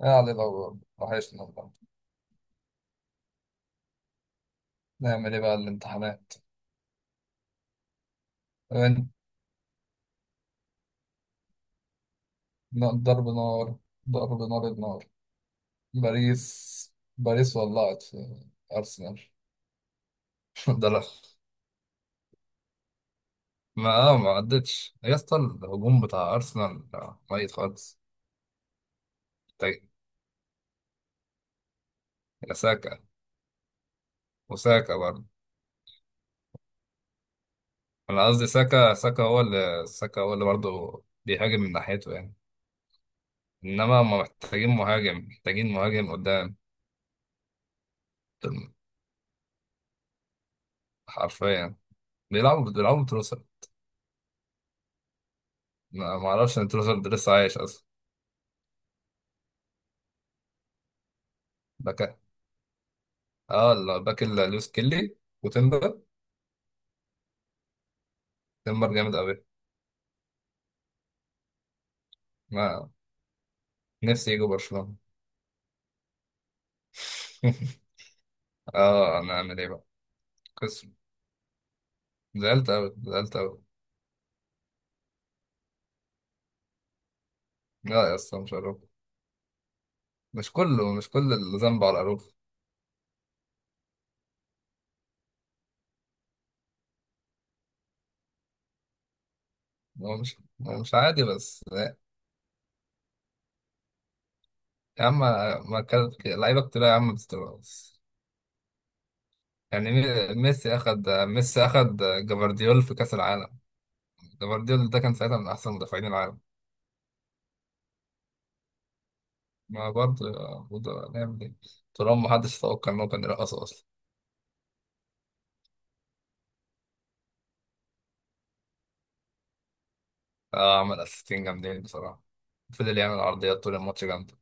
يا علي الأول وحشنا والله. نعمل إيه بقى الامتحانات؟ وين؟ ضرب نار. النار. باريس ولعت في أرسنال. ده لا. ما عدتش يا اسطى، الهجوم بتاع أرسنال ميت خالص. طيب، يا ساكا. وساكا برضه. أنا قصدي ساكا، ساكا هو اللي برضه بيهاجم من ناحيته يعني. إنما هما محتاجين مهاجم، محتاجين مهاجم قدام. حرفيا بيلعبوا. ما اعرفش ان تروزارد لسه عايش اصلا. باك. اه الباك اللي لويس كيلي وتمبر. تمبر جامد قوي. ما نفسي يجوا برشلونة. اه انا اعمل ايه بقى؟ قسم زعلت قوي. لا يا اسطى مش عارف. مش كل الذنب على العروف. هو مش هو مش عادي بس. يا عم، ما كانت لعيبه كتير يا عم بتستغرص. يعني ميسي اخد، ميسي اخد جفارديول في كاس العالم. جفارديول ده كان ساعتها من احسن مدافعين العالم. ما برضه، برضه هنعمل ايه طالما محدش يتوقع ان هو كان يرقص اصلا. عمل اسيستين جامدين بصراحه. فضل يعمل عرضيات طول الماتش جامده.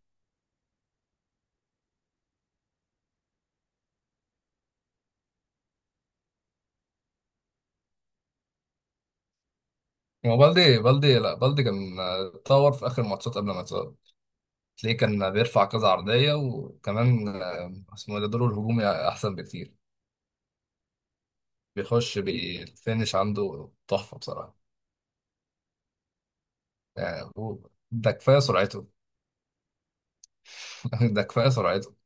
هو بالدي بالدي لا بالدي كان اتطور في اخر الماتشات قبل ما يتصاب. تلاقيه كان بيرفع كذا عرضيه، وكمان اسمه إيه ده، دوره الهجومي احسن بكتير. بيخش بالفينش، عنده تحفه بصراحه. يعني هو- ده كفايه سرعته. ده كفايه سرعته.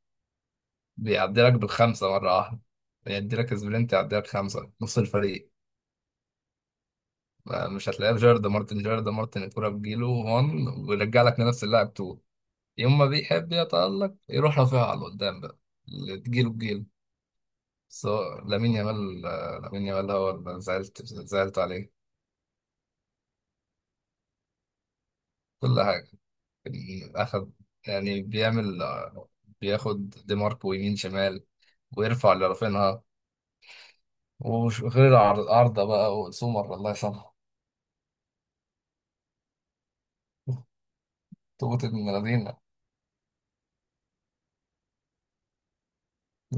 بيعدي لك بالخمسه مره واحده. يدي لك سبرنت يعدي لك خمسه نص الفريق. مش هتلاقيه في جيرد مارتن. الكرة بتجيله 1 ويرجع لك لنفس اللاعب 2. يوم ما بيحب يتألق يروح رافعها على قدام بقى. اللي تجيله بجيله، سواء لامين يامال. لامين يامال هو اللي زعلت عليه. كل حاجة. أخد، يعني بيعمل، بياخد دي ماركو يمين شمال ويرفع اللي رافينها. وغير عرضة بقى، وسومر الله يسامحه. تقطة من الذين.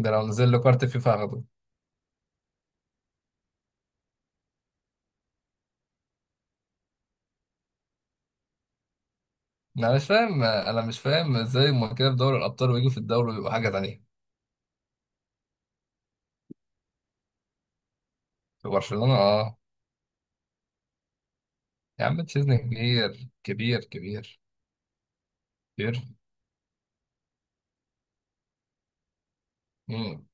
ده لو نزل له كارت فيفا هاخده. انا مش فاهم ازاي هما كده في دوري الابطال ويجوا في الدوري ويبقوا حاجه تانية. في برشلونه اه. يا عم تشيزني كبير. امم.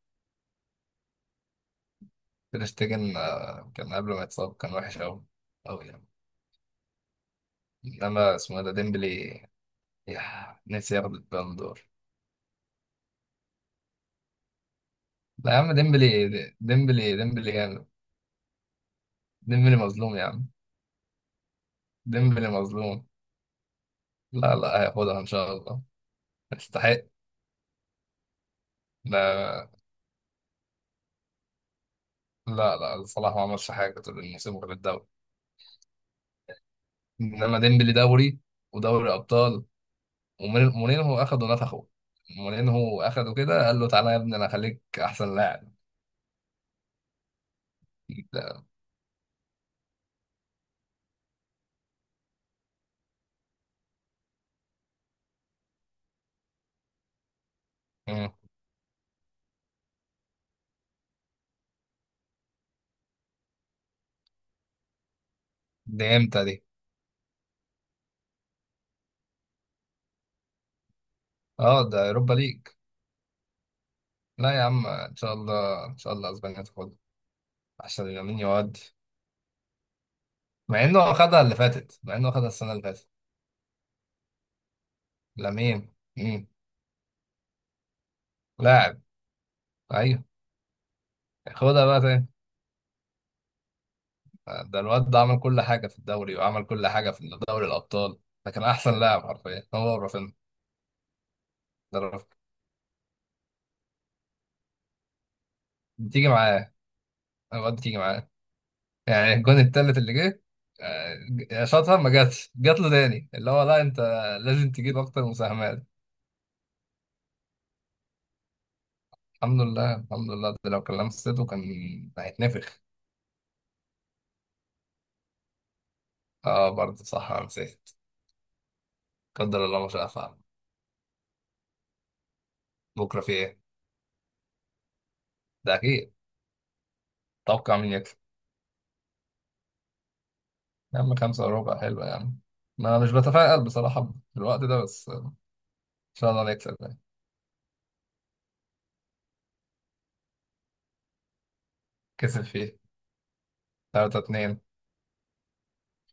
تير شتيجن كان قبل ما يتصاب كان وحش قوي، قوي يعني. انما اسمه إيه ده، ديمبلي. يا، نفسي ياخد البالون دور. لا يا عم ديمبلي جامد. ديمبلي مظلوم يا عم. ديمبلي مظلوم. لا هياخدها ان شاء الله. يستحق. لا لا. لا صلاح ما عملش حاجه طول الموسم غير الدوري. انما ديمبلي دوري ودوري ابطال. مورينهو اخده نفخه. مورينهو اخده كده قال له تعالى يا ابني انا اخليك احسن لاعب. ده, مم. دي امتى دي؟ اه ده اوروبا ليج. لا يا عم، ان شاء الله اسبانيا تاخدها. عشان لامين يودي. مع انه اخدها السنه اللي فاتت. لامين. مم. لاعب. ايوه. خدها بقى تاني. ده الواد ده عمل كل حاجه في الدوري، وعمل كل حاجه في دوري الابطال. ده كان احسن لاعب حرفيا، هو رافينيا. ده رافينيا. بتيجي معاه. الواد تيجي معاه. يعني الجون التالت اللي جه، شاطها ما جاتش، جات له تاني اللي هو لا انت لازم تجيب اكتر مساهمات. الحمد لله ده لو كان لمسته كان هيتنفخ. اه برضه صح انا نسيت. قدر الله ما شاء فعل. بكره في ايه؟ ده اكيد. توقع مين يكسب. يا عم خمسة وربع حلوة يا عم. ما مش بتفائل بصراحة في الوقت ده، بس ان شاء الله نكسب يعني. كسب فيه 3 2.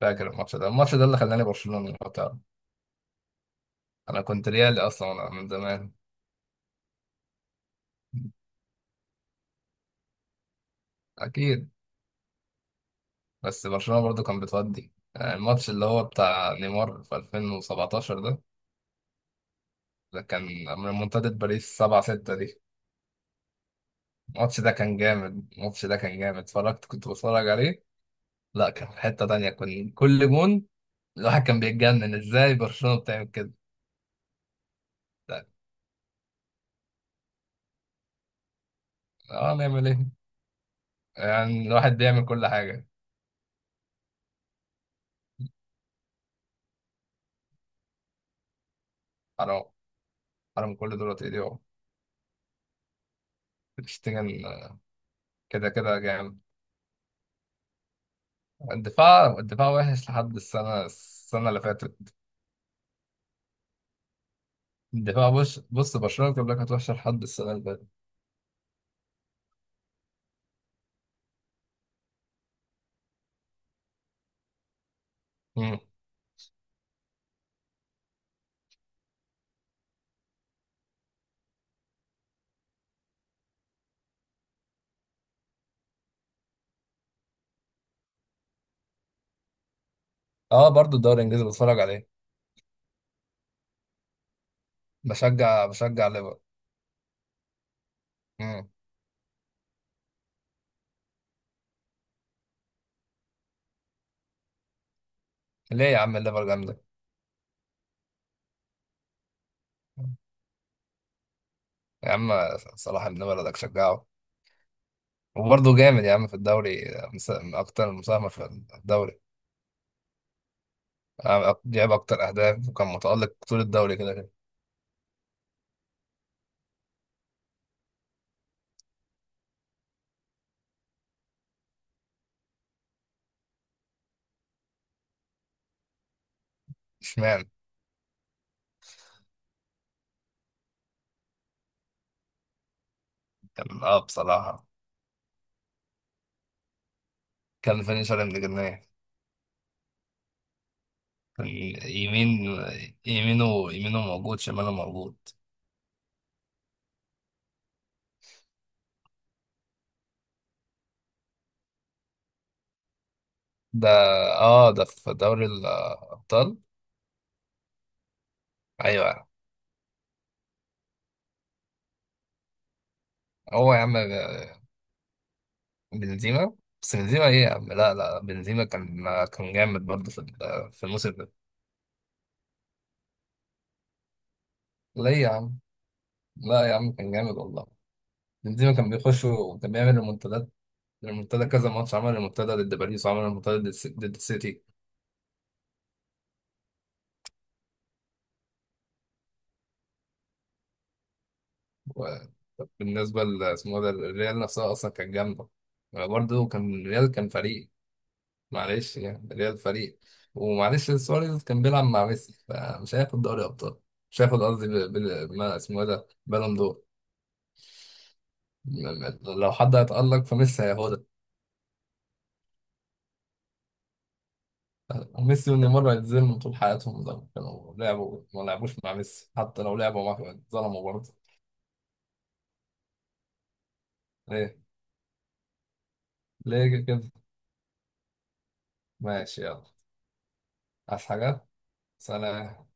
فاكر الماتش ده؟ الماتش ده اللي خلاني برشلونة لو تعرف. انا كنت ريالي اصلا انا من زمان. اكيد. بس برشلونة برضو كان بتودي، الماتش اللي هو بتاع نيمار في 2017 ده. ده كان من منتدى باريس 7 6 دي. الماتش ده كان جامد، اتفرجت، كنت بتفرج عليه. لا كان في حتة تانية، كان كل جون الواحد كان بيتجنن ازاي برشلونة بتعمل كده. لا، اه نعمل ايه يعني، الواحد بيعمل كل حاجة. حرام، حرام كل دول يضيعوا. بتشتغل. كده كده جامد. الدفاع وحش لحد السنة اللي فاتت. الدفاع. بص برشلونة بيقول لك هتوحش لحد السنة اللي فاتت. مم. اه برضو الدوري الانجليزي بتفرج عليه. بشجع ليفر. مم. ليه يا عم الليفر جامدة. يا عم صلاح ابن بلدك شجعه. وبرضه جامد يا عم في الدوري. من أكتر المساهمة في الدوري. جاب أكتر أهداف، وكان متألق طول الدوري كده كده. اشمعنى. كان اه بصراحة كان فينيشر ابن جنيه. كان يمين. يمينه موجود، شماله موجود. ده اه، ده في دوري الأبطال. ايوه. هو يا عم بنزيما، بس بنزيما ايه يا عم. لا لا بنزيما كان جامد برضه في في الموسم ده. ليه يا عم؟ لا يا عم كان جامد والله. بنزيما كان بيخش وكان بيعمل ريمونتادات. ريمونتادا كذا ماتش، عمل ريمونتادا ضد باريس وعمل ريمونتادا ضد ضد السيتي. وبالنسبه اسمه ده الريال نفسها اصلا كانت جامده. برضه كان الريال كان فريق. معلش يعني ريال فريق. ومعلش سواريز كان بيلعب مع ميسي، فمش هياخد دوري ابطال. مش هياخد قصدي بال... بال... ما اسمه إيه ده، بالون دور. م- لو حد هيتألق فميسي هياخدها. وميسي ونيمار هيتظلموا طول حياتهم لو كانوا لعبوا. ما لعبوش مع ميسي حتى لو لعبوا معاه اتظلموا برضه. ليه؟ ليه كده؟ ماشي يلا. عايز حاجة؟ سلام.